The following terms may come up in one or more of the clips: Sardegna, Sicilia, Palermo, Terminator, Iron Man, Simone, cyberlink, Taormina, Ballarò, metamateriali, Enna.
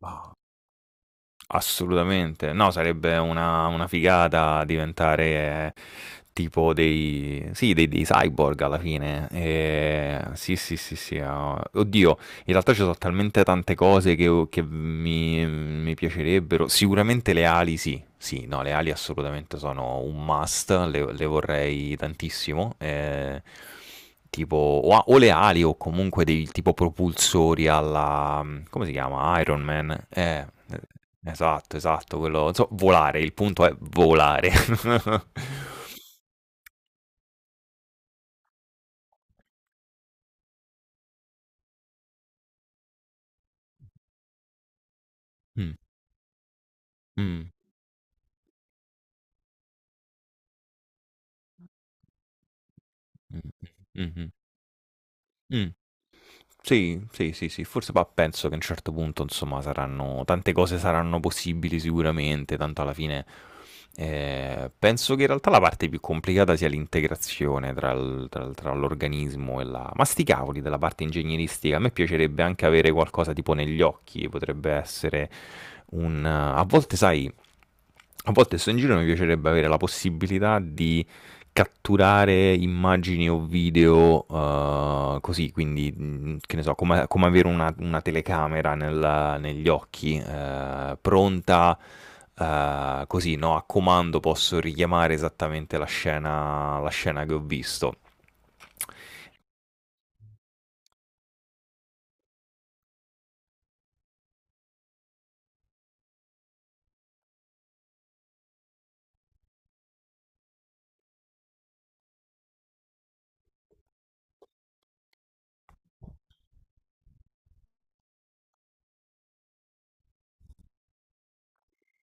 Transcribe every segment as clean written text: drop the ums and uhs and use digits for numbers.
Ma assolutamente, no, sarebbe una figata diventare tipo dei, sì, dei cyborg alla fine. Sì, sì, sì, sì. Ah, oddio, in realtà ci sono talmente tante cose che mi piacerebbero. Sicuramente le ali, sì. Sì, no, le ali assolutamente sono un must, le vorrei tantissimo. Tipo, o, o le ali o comunque dei tipo propulsori alla... Come si chiama? Iron Man. Esatto, esatto, quello... Volare, il punto è volare. Mm, mm, mm, mm, mm, mm. Sì, sì, sì, sì, forse poi penso che a un certo punto, insomma, saranno, tante cose saranno possibili sicuramente, tanto alla fine penso che in realtà la parte più complicata sia l'integrazione tra, tra l'organismo e la... Ma sti cavoli della parte ingegneristica, a me piacerebbe anche avere qualcosa tipo negli occhi, potrebbe essere un... A volte, sai, a volte sto in giro mi piacerebbe avere la possibilità di catturare immagini o video così, quindi che ne so, come, come avere una telecamera negli occhi, pronta così, no? A comando posso richiamare esattamente la scena che ho visto.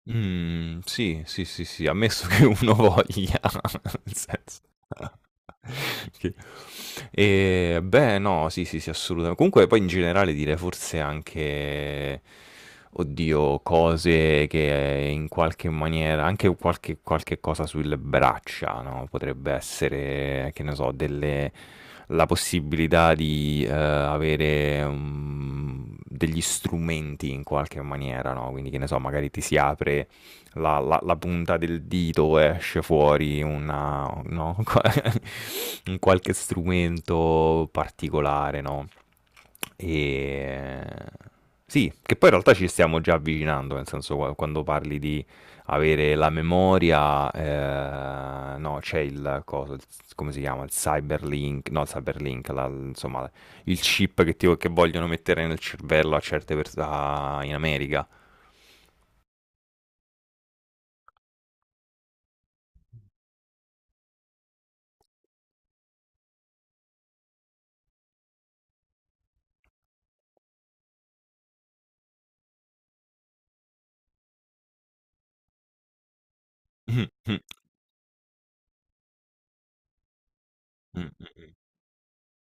Sì, sì, sì, sì, ammesso che uno voglia. Nel senso. Sì. E, beh, no, sì, sì, sì, assolutamente. Comunque poi in generale dire forse anche, oddio, cose che in qualche maniera, anche qualche cosa sulle braccia, no? Potrebbe essere, che ne so, delle, la possibilità di avere degli strumenti in qualche maniera, no? Quindi, che ne so, magari ti si apre la punta del dito esce fuori una, no? Un qualche strumento particolare, no? E... Sì, che poi in realtà ci stiamo già avvicinando, nel senso quando parli di avere la memoria, no, c'è il cosa, come si chiama? Il cyberlink, no, il cyberlink, insomma, il chip che vogliono mettere nel cervello a certe persone in America.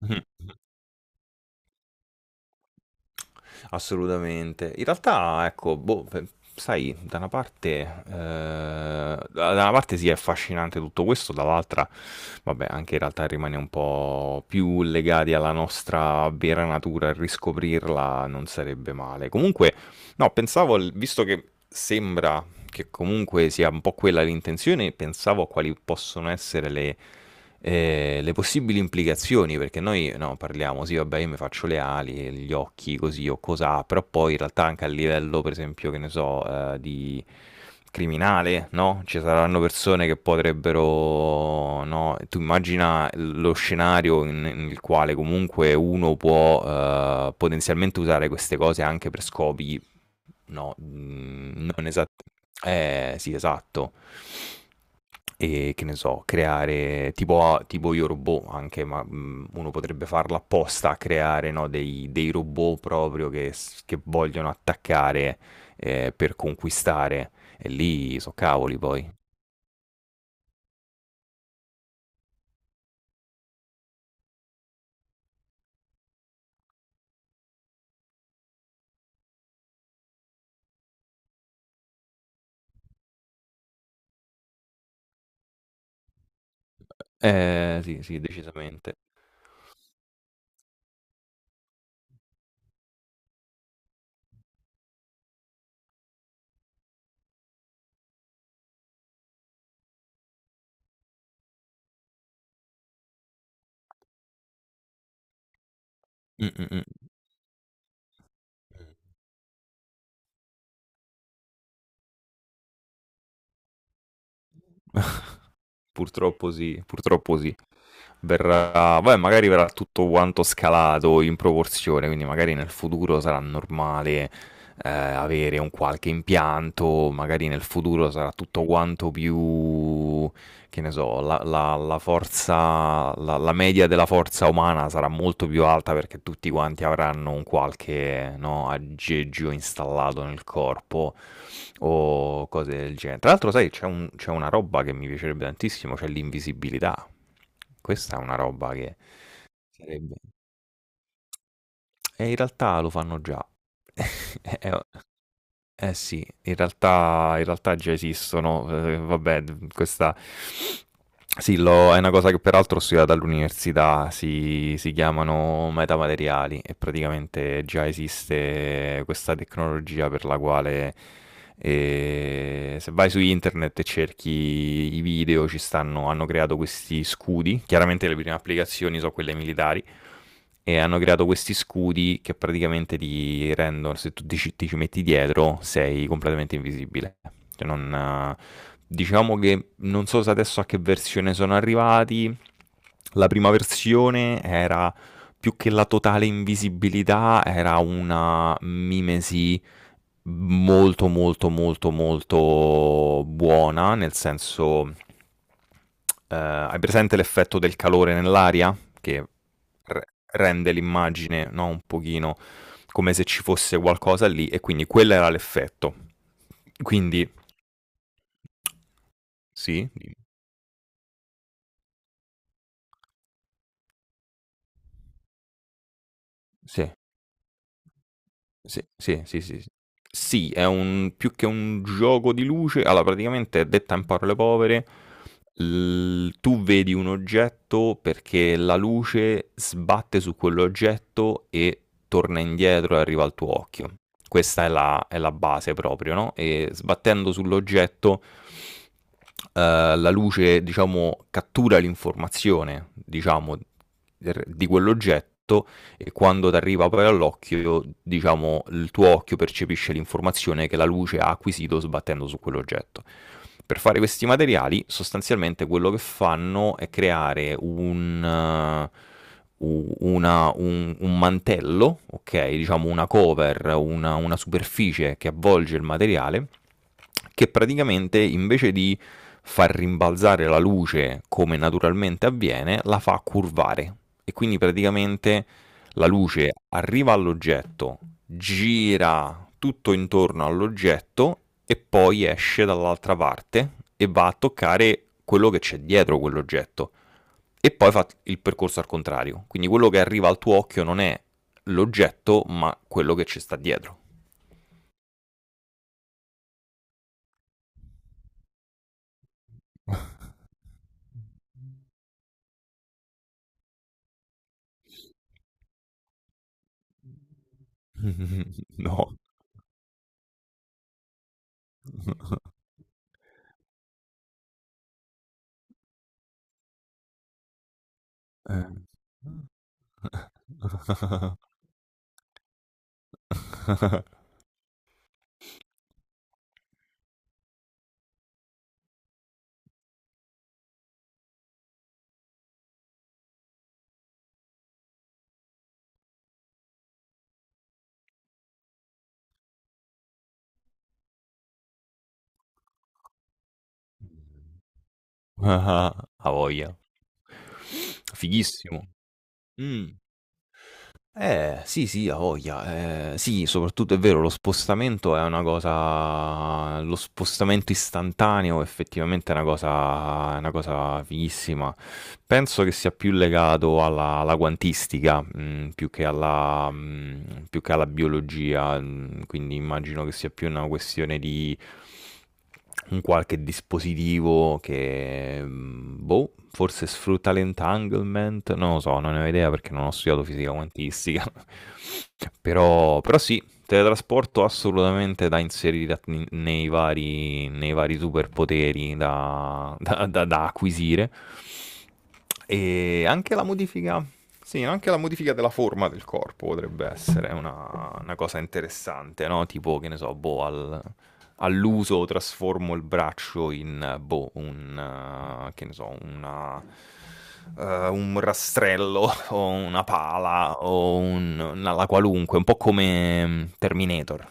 Mh-mh. Assolutamente. In realtà ecco, boh, pe sai, da una parte ehm, da una parte sì, è affascinante tutto questo, dall'altra vabbè, anche in realtà rimane un po' più legati alla nostra vera natura e riscoprirla non sarebbe male. Comunque no, pensavo al visto che sembra che comunque sia un po' quella l'intenzione, pensavo a quali possono essere le possibili implicazioni, perché noi no, parliamo, sì, vabbè, io mi faccio le ali, gli occhi, così o cos'ha, però poi in realtà anche a livello, per esempio, che ne so, di criminale, no? Ci saranno persone che potrebbero, no? Tu immagina lo scenario nel quale comunque uno può potenzialmente usare queste cose anche per scopi No, mhmm, non esa sì, esatto. Che ne so, creare tipo a tipo io robot anche, ma, mhmm, uno potrebbe farlo apposta, creare, no, dei robot proprio che vogliono attaccare, per conquistare. E lì so' cavoli poi. Sì, sì, decisamente. Mh, mh, mh. Purtroppo sì, purtroppo sì. Verrà, vabbè, magari verrà tutto quanto scalato in proporzione, quindi magari nel futuro sarà normale avere un qualche impianto, magari nel futuro sarà tutto quanto più, che ne so, la forza, la, la media della forza umana sarà molto più alta perché tutti quanti avranno un qualche, no, aggeggio installato nel corpo o cose del genere. Tra l'altro, sai, c'è una roba che mi piacerebbe tantissimo, c'è l'invisibilità. Questa è una roba che sarebbe e in realtà lo fanno già. O eh sì, in realtà già esistono, vabbè d questa sì, l'ho è una cosa che peraltro ho studiato all'università, si chiamano metamateriali e praticamente già esiste questa tecnologia per la quale, se vai su internet e cerchi i video ci stanno hanno creato questi scudi, chiaramente le prime applicazioni so' quelle militari e hanno creato questi scudi che praticamente ti rendono, se tu ti, ci metti dietro, sei completamente invisibile. Cioè non, eh, diciamo che non so se adesso a che versione sono arrivati. La prima versione era più che la totale invisibilità, era una mimesi molto buona, nel senso hai presente l'effetto del calore nell'aria? Che re- rende l'immagine, no, un pochino come se ci fosse qualcosa lì e quindi quello era l'effetto. Quindi sì, dimmi. Sì. Sì, sì, sì, sì, sì. Sì, è un più che un gioco di luce, allora praticamente detta in parole povere, l tu vedi un oggetto perché la luce sbatte su quell'oggetto e torna indietro e arriva al tuo occhio. Questa è la base proprio, no, e sbattendo sull'oggetto la luce diciamo cattura l'informazione, diciamo, er di quell'oggetto e quando ti arriva poi all'occhio, diciamo, il tuo occhio percepisce l'informazione che la luce ha acquisito sbattendo su quell'oggetto. Per fare questi materiali, sostanzialmente quello che fanno è creare un, un mantello, ok? Diciamo una cover, una superficie che avvolge il materiale, che praticamente invece di far rimbalzare la luce come naturalmente avviene, la fa curvare. E quindi praticamente la luce arriva all'oggetto, gira tutto intorno all'oggetto e poi esce dall'altra parte e va a toccare quello che c'è dietro quell'oggetto e poi fa il percorso al contrario. Quindi quello che arriva al tuo occhio non è l'oggetto, ma quello che ci sta dietro. No. A voglia. Fighissimo. Mm. Sì, sì, a voglia. Sì, soprattutto è vero, lo spostamento è una cosa. Lo spostamento istantaneo effettivamente è una cosa fighissima. Penso che sia più legato alla, alla quantistica, mm, più che alla, mm, più che alla biologia, mm, quindi immagino che sia più una questione di un qualche dispositivo che, mm, boh, forse sfrutta l'entanglement, non lo so, non ne ho idea perché non ho studiato fisica quantistica, però, però sì, teletrasporto assolutamente da inserire nei vari superpoteri da, da acquisire. E anche la modifica, sì, anche la modifica della forma del corpo potrebbe essere una cosa interessante, no? Tipo, che ne so, boh, al all'uso trasformo il braccio in, boh, un, che ne so, una, un rastrello o una pala o un, una la qualunque, un po' come Terminator.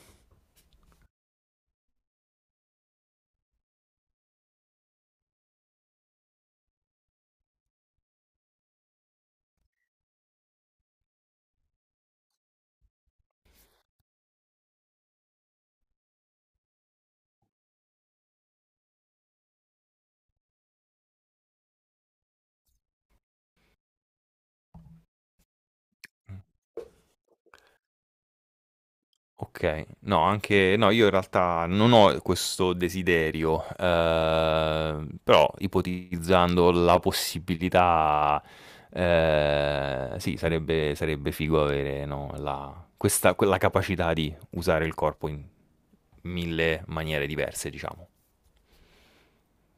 Okay. No, anche no, io in realtà non ho questo desiderio, però ipotizzando la possibilità, sì, sarebbe figo avere, no, la questa quella capacità di usare il corpo in 1000 maniere diverse, diciamo.